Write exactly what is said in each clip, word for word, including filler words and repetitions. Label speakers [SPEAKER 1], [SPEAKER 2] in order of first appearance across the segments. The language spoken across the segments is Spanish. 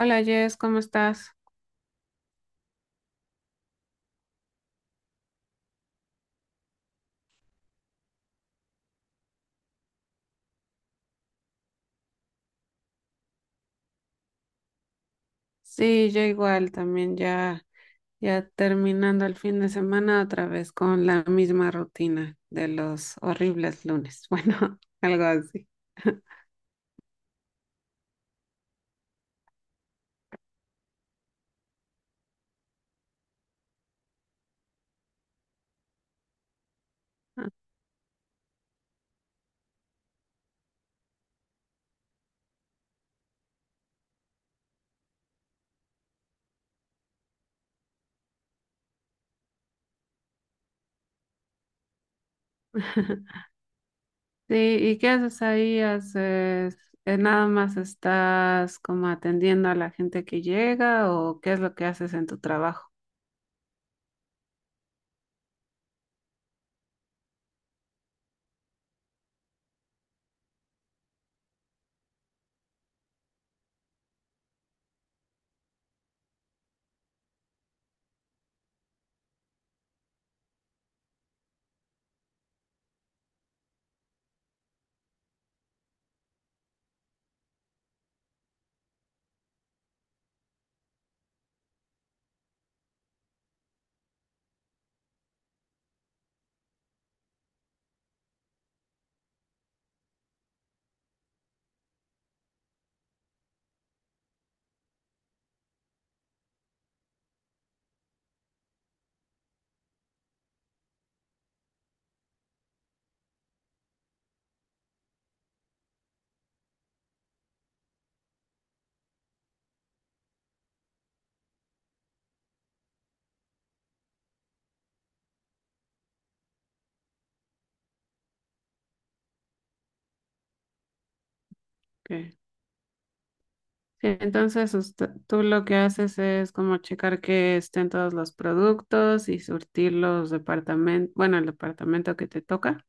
[SPEAKER 1] Hola Jess, ¿cómo estás? Sí, yo igual también ya, ya terminando el fin de semana otra vez con la misma rutina de los horribles lunes. Bueno, algo así. Sí, ¿y qué haces ahí? ¿Haces, eh, Nada más estás como atendiendo a la gente que llega o qué es lo que haces en tu trabajo? Sí, entonces usted- tú lo que haces es como checar que estén todos los productos y surtir los departamentos, bueno, el departamento que te toca.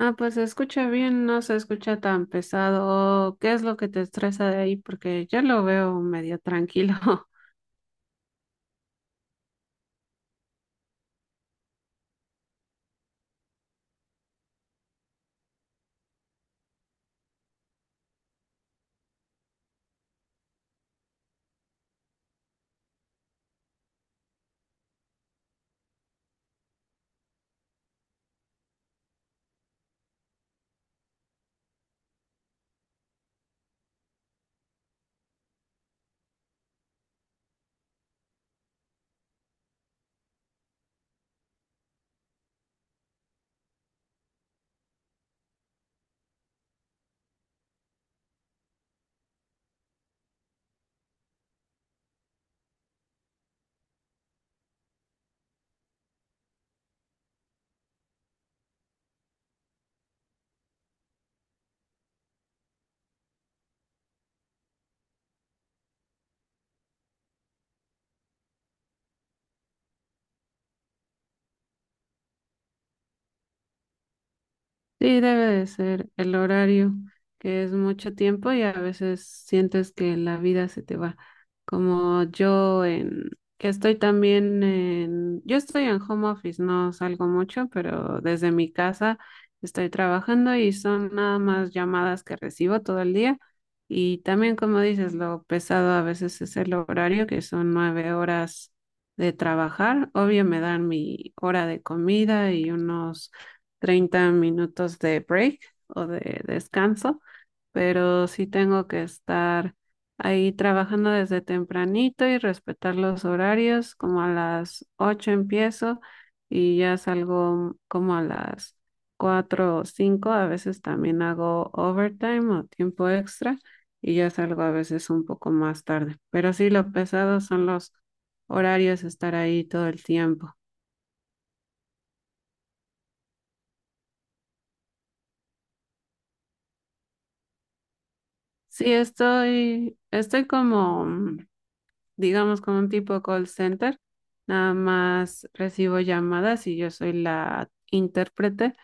[SPEAKER 1] Ah, pues se escucha bien, no se escucha tan pesado. ¿Qué es lo que te estresa de ahí? Porque yo lo veo medio tranquilo. Sí, debe de ser el horario, que es mucho tiempo y a veces sientes que la vida se te va. Como yo en, que estoy también en, Yo estoy en home office, no salgo mucho, pero desde mi casa estoy trabajando y son nada más llamadas que recibo todo el día. Y también, como dices, lo pesado a veces es el horario, que son nueve horas de trabajar. Obvio, me dan mi hora de comida y unos treinta minutos de break o de descanso, pero sí tengo que estar ahí trabajando desde tempranito y respetar los horarios, como a las ocho empiezo y ya salgo como a las cuatro o cinco. A veces también hago overtime o tiempo extra y ya salgo a veces un poco más tarde, pero sí lo pesado son los horarios, estar ahí todo el tiempo. Sí, estoy, estoy como mm, digamos como un tipo call center. Nada más recibo llamadas y yo soy la intérprete,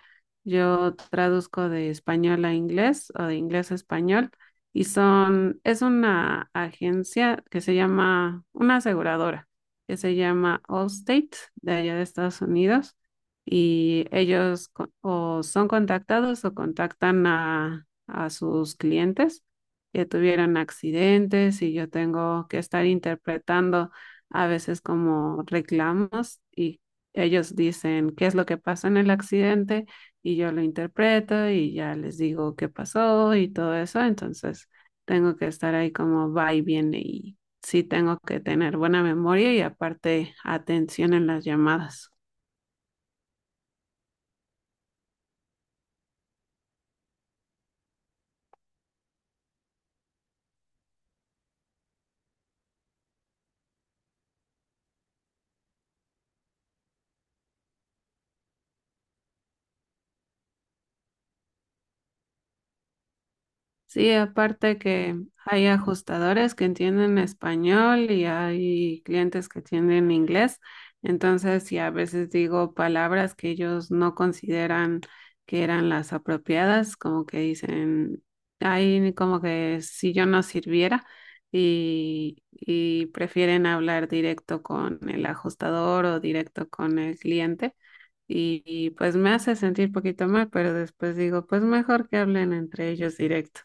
[SPEAKER 1] yo traduzco de español a inglés o de inglés a español. Y son, es una agencia que se llama, una aseguradora que se llama Allstate de allá de Estados Unidos, y ellos co- o son contactados o contactan a, a sus clientes que tuvieron accidentes, y yo tengo que estar interpretando a veces como reclamos. Y ellos dicen qué es lo que pasa en el accidente y yo lo interpreto y ya les digo qué pasó y todo eso. Entonces tengo que estar ahí como va y viene, y sí tengo que tener buena memoria y aparte atención en las llamadas. Sí, aparte que hay ajustadores que entienden español y hay clientes que entienden inglés, entonces sí a veces digo palabras que ellos no consideran que eran las apropiadas, como que dicen, ahí como que si yo no sirviera, y, y prefieren hablar directo con el ajustador o directo con el cliente. Y, y pues me hace sentir poquito mal, pero después digo, pues mejor que hablen entre ellos directo.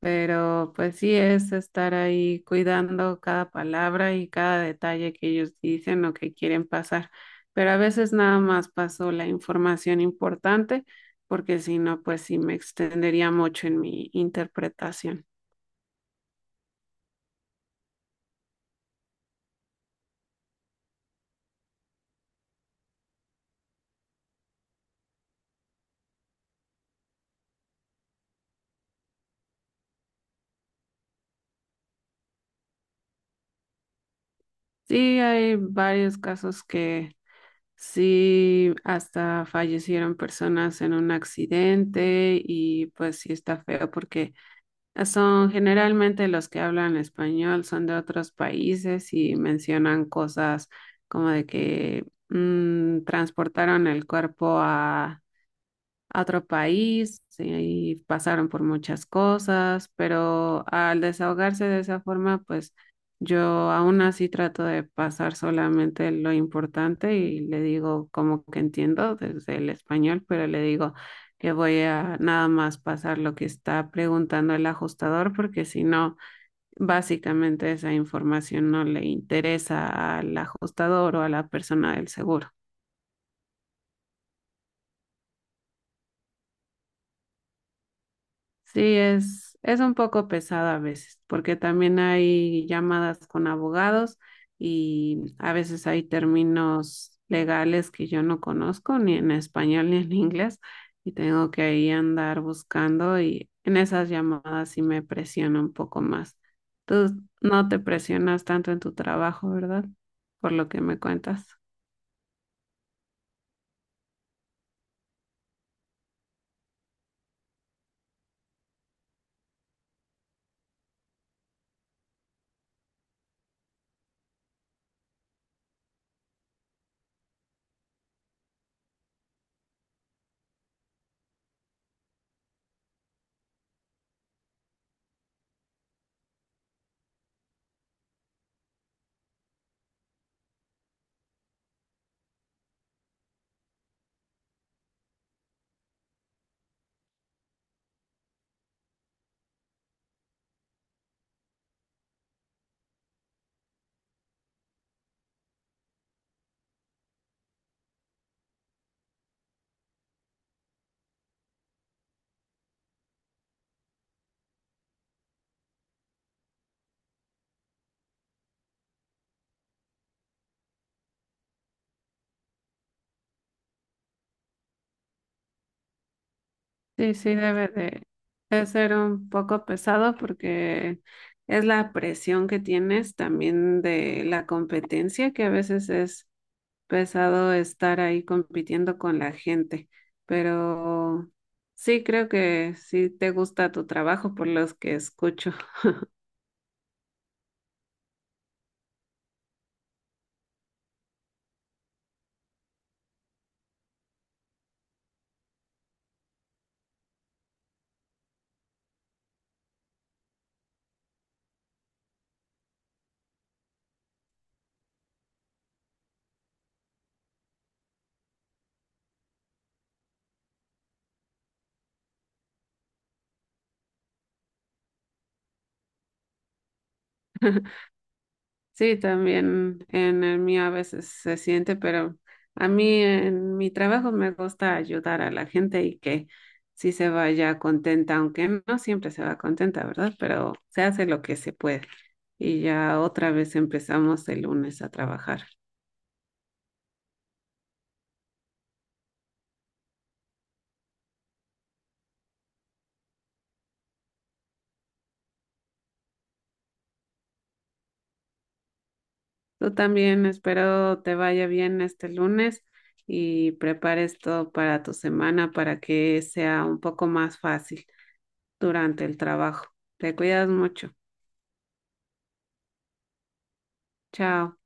[SPEAKER 1] Pero pues sí es estar ahí cuidando cada palabra y cada detalle que ellos dicen o que quieren pasar. Pero a veces nada más paso la información importante, porque si no, pues sí me extendería mucho en mi interpretación. Sí, hay varios casos que sí hasta fallecieron personas en un accidente y pues sí está feo porque son generalmente los que hablan español, son de otros países y mencionan cosas como de que mm, transportaron el cuerpo a a otro país y pasaron por muchas cosas, pero al desahogarse de esa forma, pues yo aún así trato de pasar solamente lo importante y le digo como que entiendo desde el español, pero le digo que voy a nada más pasar lo que está preguntando el ajustador, porque si no, básicamente esa información no le interesa al ajustador o a la persona del seguro. Sí, es, es un poco pesado a veces, porque también hay llamadas con abogados y a veces hay términos legales que yo no conozco, ni en español ni en inglés, y tengo que ahí andar buscando y en esas llamadas sí me presiona un poco más. Tú no te presionas tanto en tu trabajo, ¿verdad? Por lo que me cuentas. Sí, sí, debe de, de ser un poco pesado porque es la presión que tienes también de la competencia, que a veces es pesado estar ahí compitiendo con la gente, pero sí creo que sí te gusta tu trabajo por los que escucho. Sí, también en el mío a veces se siente, pero a mí en mi trabajo me gusta ayudar a la gente y que sí se vaya contenta, aunque no siempre se va contenta, ¿verdad? Pero se hace lo que se puede. Y ya otra vez empezamos el lunes a trabajar. Tú también espero te vaya bien este lunes y prepares todo para tu semana para que sea un poco más fácil durante el trabajo. Te cuidas mucho. Chao.